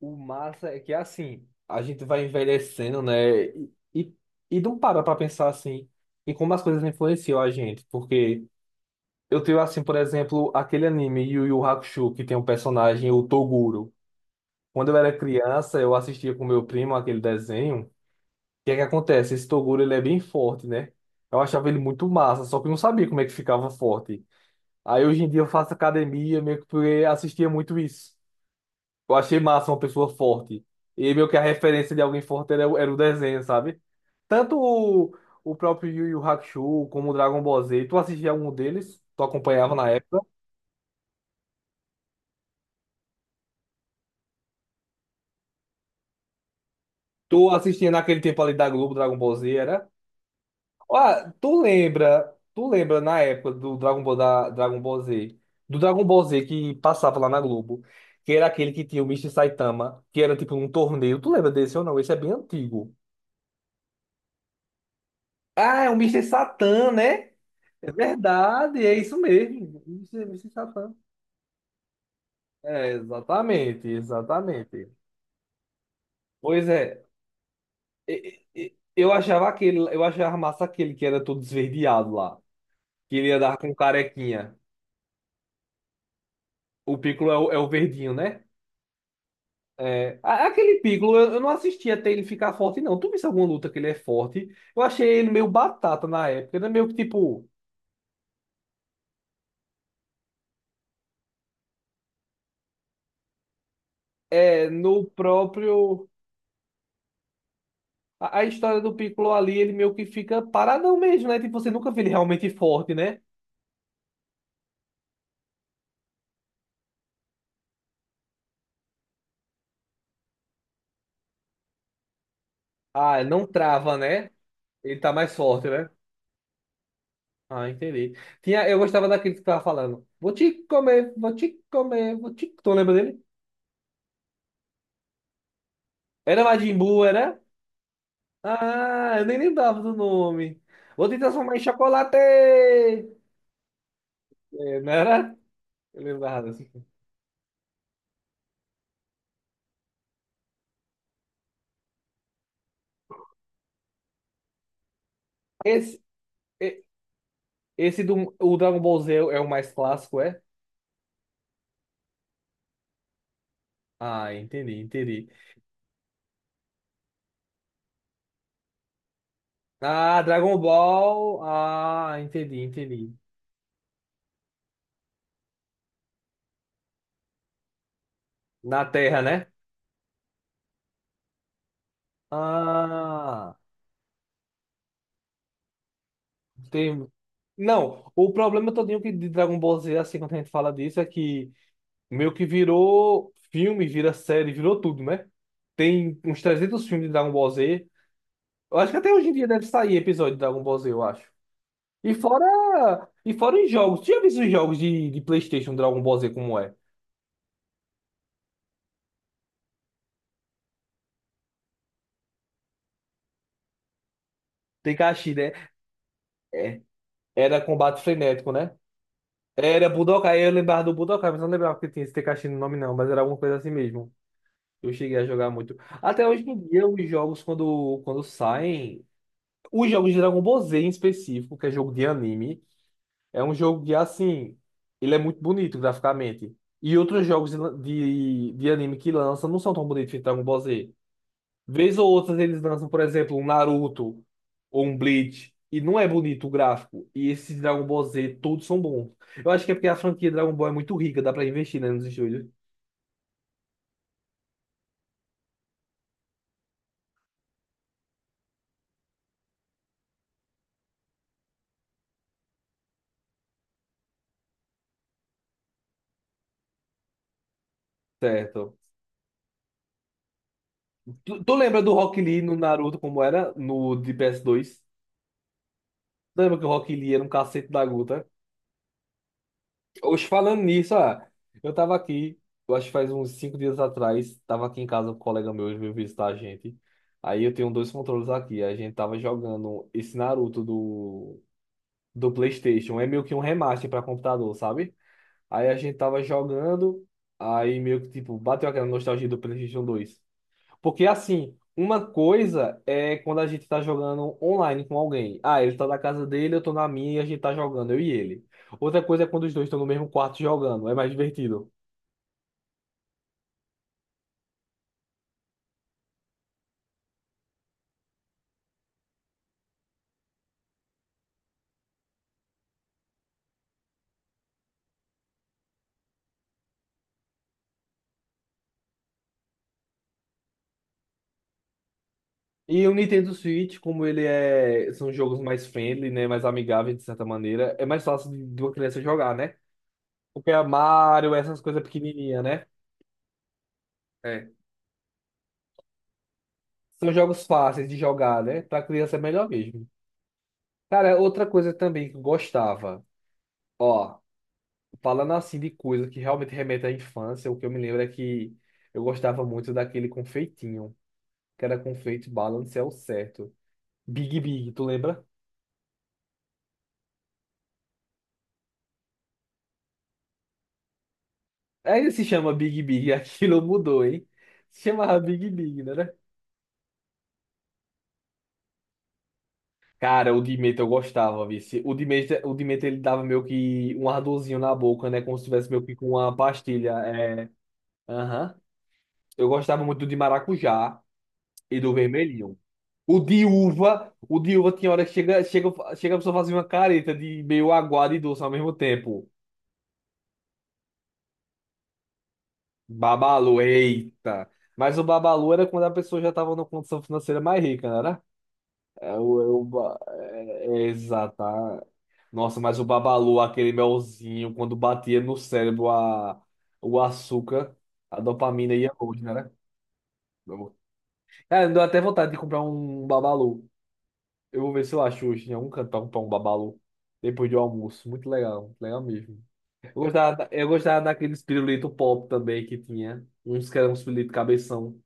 O massa é que assim, a gente vai envelhecendo, né? E não para pra pensar assim em como as coisas influenciam a gente. Porque eu tenho assim, por exemplo, aquele anime Yu Yu Hakusho, que tem um personagem, o Toguro. Quando eu era criança, eu assistia com meu primo aquele desenho. O que é que acontece? Esse Toguro, ele é bem forte, né? Eu achava ele muito massa, só que eu não sabia como é que ficava forte. Aí hoje em dia eu faço academia, meio que porque assistia muito isso. Eu achei massa uma pessoa forte. E meio que a referência de alguém forte era o desenho, sabe? Tanto o próprio Yu Yu Hakusho como o Dragon Ball Z. Tu assistia algum deles? Tu acompanhava na época? Tu assistia naquele tempo ali da Globo, Dragon Ball Z, era? Ah, tu lembra na época do Dragon Ball, Dragon Ball Z, do Dragon Ball Z que passava lá na Globo, que era aquele que tinha o Mister Saitama, que era tipo um torneio. Tu lembra desse ou não? Esse é bem antigo. Ah, é o Mister Satan, né? É verdade, é isso mesmo. Você está falando. É, exatamente, exatamente. Pois é, e- e- eu achava massa aquele que era todo esverdeado lá, que ele ia dar com carequinha. O Piccolo é o verdinho, né? É, aquele Piccolo, eu não assisti até ele ficar forte, não. Tu viste alguma luta que ele é forte? Eu achei ele meio batata na época, ele é meio que tipo, é, no próprio. A história do Piccolo ali, ele meio que fica paradão mesmo, né? Tipo, você nunca vê ele realmente forte, né? Ah, não trava, né? Ele tá mais forte, né? Ah, entendi. Tinha, eu gostava daquele que tava falando. Vou te comer, vou te comer, vou te... Tu lembra dele? Era Majin Buu, era? Ah, eu nem lembrava do nome. Vou te transformar em chocolate! É, não era? Eu lembrava assim. Esse, e- esse do o Dragon Ball Z é o mais clássico, é? Ah, entendi, entendi. Ah, Dragon Ball. Ah, entendi, entendi. Na Terra, né? Ah. Tem... Não, o problema todinho que de Dragon Ball Z, assim, quando a gente fala disso, é que meio que virou filme, vira série, virou tudo, né? Tem uns 300 filmes de Dragon Ball Z. Eu acho que até hoje em dia deve sair episódio de Dragon Ball Z, eu acho. E fora os jogos. Tu já viu os jogos de PlayStation Dragon Ball Z como é? Tem Kashi, né? É. Era combate frenético, né? Era Budokai, eu lembrava do Budokai, mas não lembrava que tinha esse Tekashi no nome, não, mas era alguma coisa assim mesmo. Eu cheguei a jogar muito. Até hoje em dia, os jogos, quando saem, os jogos de Dragon Ball Z em específico, que é jogo de anime, é um jogo que, assim, ele é muito bonito graficamente. E outros jogos de anime que lançam não são tão bonitos que Dragon Ball Z. Vez ou outra, eles lançam, por exemplo, um Naruto ou um Bleach, e não é bonito o gráfico. E esses Dragon Ball Z, todos são bons. Eu acho que é porque a franquia Dragon Ball é muito rica, dá pra investir, né, nos estúdios. Certo. Tu lembra do Rock Lee no Naruto, como era? No de PS2? Tu lembra que o Rock Lee era um cacete da Guta? Hoje, falando nisso, ah, eu tava aqui, eu acho que faz uns 5 dias atrás, tava aqui em casa com um colega meu, ele veio visitar a gente. Aí eu tenho dois controles aqui, a gente tava jogando esse Naruto do PlayStation, é meio que um remaster pra computador, sabe? Aí a gente tava jogando, aí meio que tipo, bateu aquela nostalgia do PlayStation 2. Porque assim, uma coisa é quando a gente tá jogando online com alguém. Ah, ele tá na casa dele, eu tô na minha e a gente tá jogando, eu e ele. Outra coisa é quando os dois estão no mesmo quarto jogando, é mais divertido. E o Nintendo Switch, como ele é, são jogos mais friendly, né, mais amigáveis de certa maneira, é mais fácil de uma criança jogar, né? Porque é Mario, essas coisas pequenininhas, né? É. São jogos fáceis de jogar, né? Pra criança é melhor mesmo. Cara, outra coisa também que eu gostava. Ó. Falando assim de coisa que realmente remete à infância, o que eu me lembro é que eu gostava muito daquele confeitinho, que era confeito balance é o certo. Big Big, tu lembra? Ainda se chama Big Big, aquilo mudou, hein? Se chamava Big Big, não era? Cara, o Demeter eu gostava, vice. O Demeter ele dava meio que um ardorzinho na boca, né? Como se tivesse meio que com uma pastilha. É... Aham. Eu gostava muito do de maracujá e do vermelhinho. O de uva tinha hora que chega a pessoa fazer uma careta de meio aguado e doce ao mesmo tempo. Babalu, eita. Mas o babalu era quando a pessoa já estava numa condição financeira mais rica, não era? É exato. Ah. Nossa, mas o babalu, aquele melzinho, quando batia no cérebro a, o açúcar, a dopamina ia longe, né era? É, me deu até vontade de comprar um babalu. Eu vou ver se eu acho hoje em algum canto pra comprar um babalu. Depois do almoço. Muito legal mesmo. Eu gostava, eu gostava daqueles pirulitos pop também que tinha. Uns que eram uns pirulitos cabeção.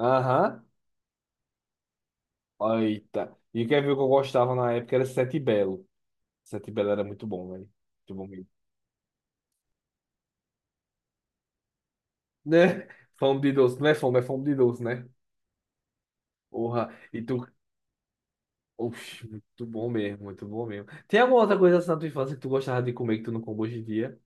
Aham. Eita. E quer ver o que eu gostava na época? Era Sete Belo. Sete Belo era muito bom, velho. Muito bom mesmo. Né? Fome de doce. Não é fome, é fome de doce, né? Porra. E tu. Oxi, muito bom mesmo, muito bom mesmo. Tem alguma outra coisa assim na tua infância que tu gostava de comer que tu não come hoje em dia?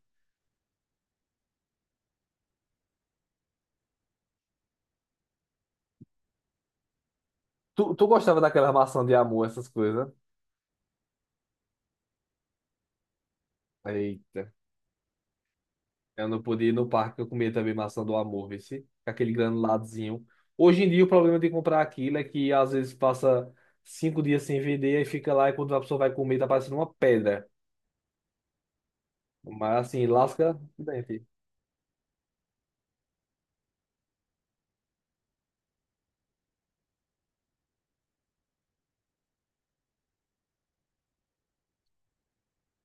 Tu gostava daquela maçã de amor, essas coisas? Eita, eu não podia ir no parque, eu comia também maçã do amor, vê se com aquele granuladozinho. Hoje em dia o problema de comprar aquilo é que às vezes passa 5 dias sem vender e fica lá e quando a pessoa vai comer tá parecendo uma pedra. Mas assim, lasca o dente.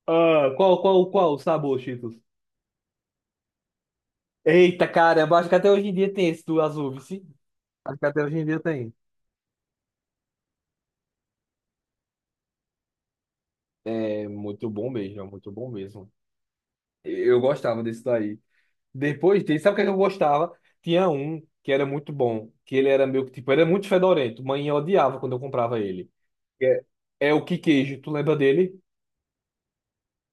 Ah, qual o sabor, Cheetos? Eita, caramba, acho que até hoje em dia tem esse do azul, vê se. Acho que até hoje em dia tem. É muito bom mesmo, é muito bom mesmo. Eu gostava desse daí. Depois dele, sabe o que é que eu gostava? Tinha um que era muito bom, que ele era meio que, tipo, era muito fedorento. Mãe odiava quando eu comprava ele. Que É, é o que queijo, tu lembra dele?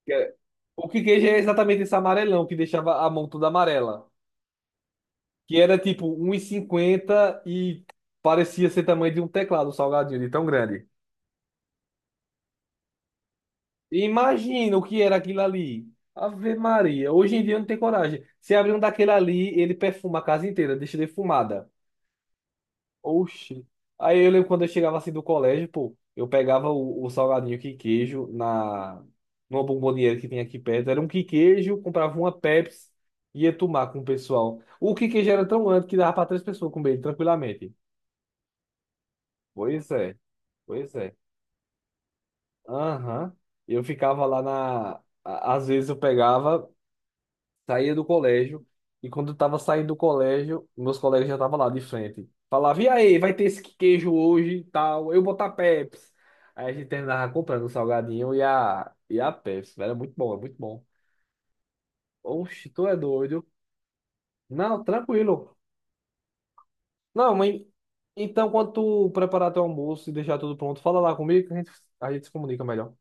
Que é- O que queijo é exatamente esse amarelão que deixava a mão toda amarela. Que era tipo 1,50 e cinquenta e parecia ser tamanho de um teclado um salgadinho, de tão grande. Imagina o que era aquilo ali. Ave Maria, hoje em dia eu não tenho coragem. Se abrir um daquele ali, ele perfuma a casa inteira, deixa defumada. Oxi. Aí eu lembro quando eu chegava assim do colégio, pô, eu pegava o salgadinho que queijo na numa bomboniere que tinha aqui perto. Era um que queijo, comprava uma Pepsi e ia tomar com o pessoal. O que queijo era tão grande que dava para três pessoas comer ele tranquilamente. Pois é, pois é. Aham. Eu ficava lá na. A- às vezes eu pegava. Saía do colégio, e quando eu tava saindo do colégio, meus colegas já estavam lá de frente. Falava, e aí, vai ter esse queijo hoje e tal, eu botar Pepsi. Aí a gente terminava comprando o salgadinho e a Pepsi, velho, é muito bom, é muito bom. Oxe, tu é doido? Não, tranquilo. Não, mãe, então quando tu preparar teu almoço e deixar tudo pronto, fala lá comigo que a gente se comunica melhor.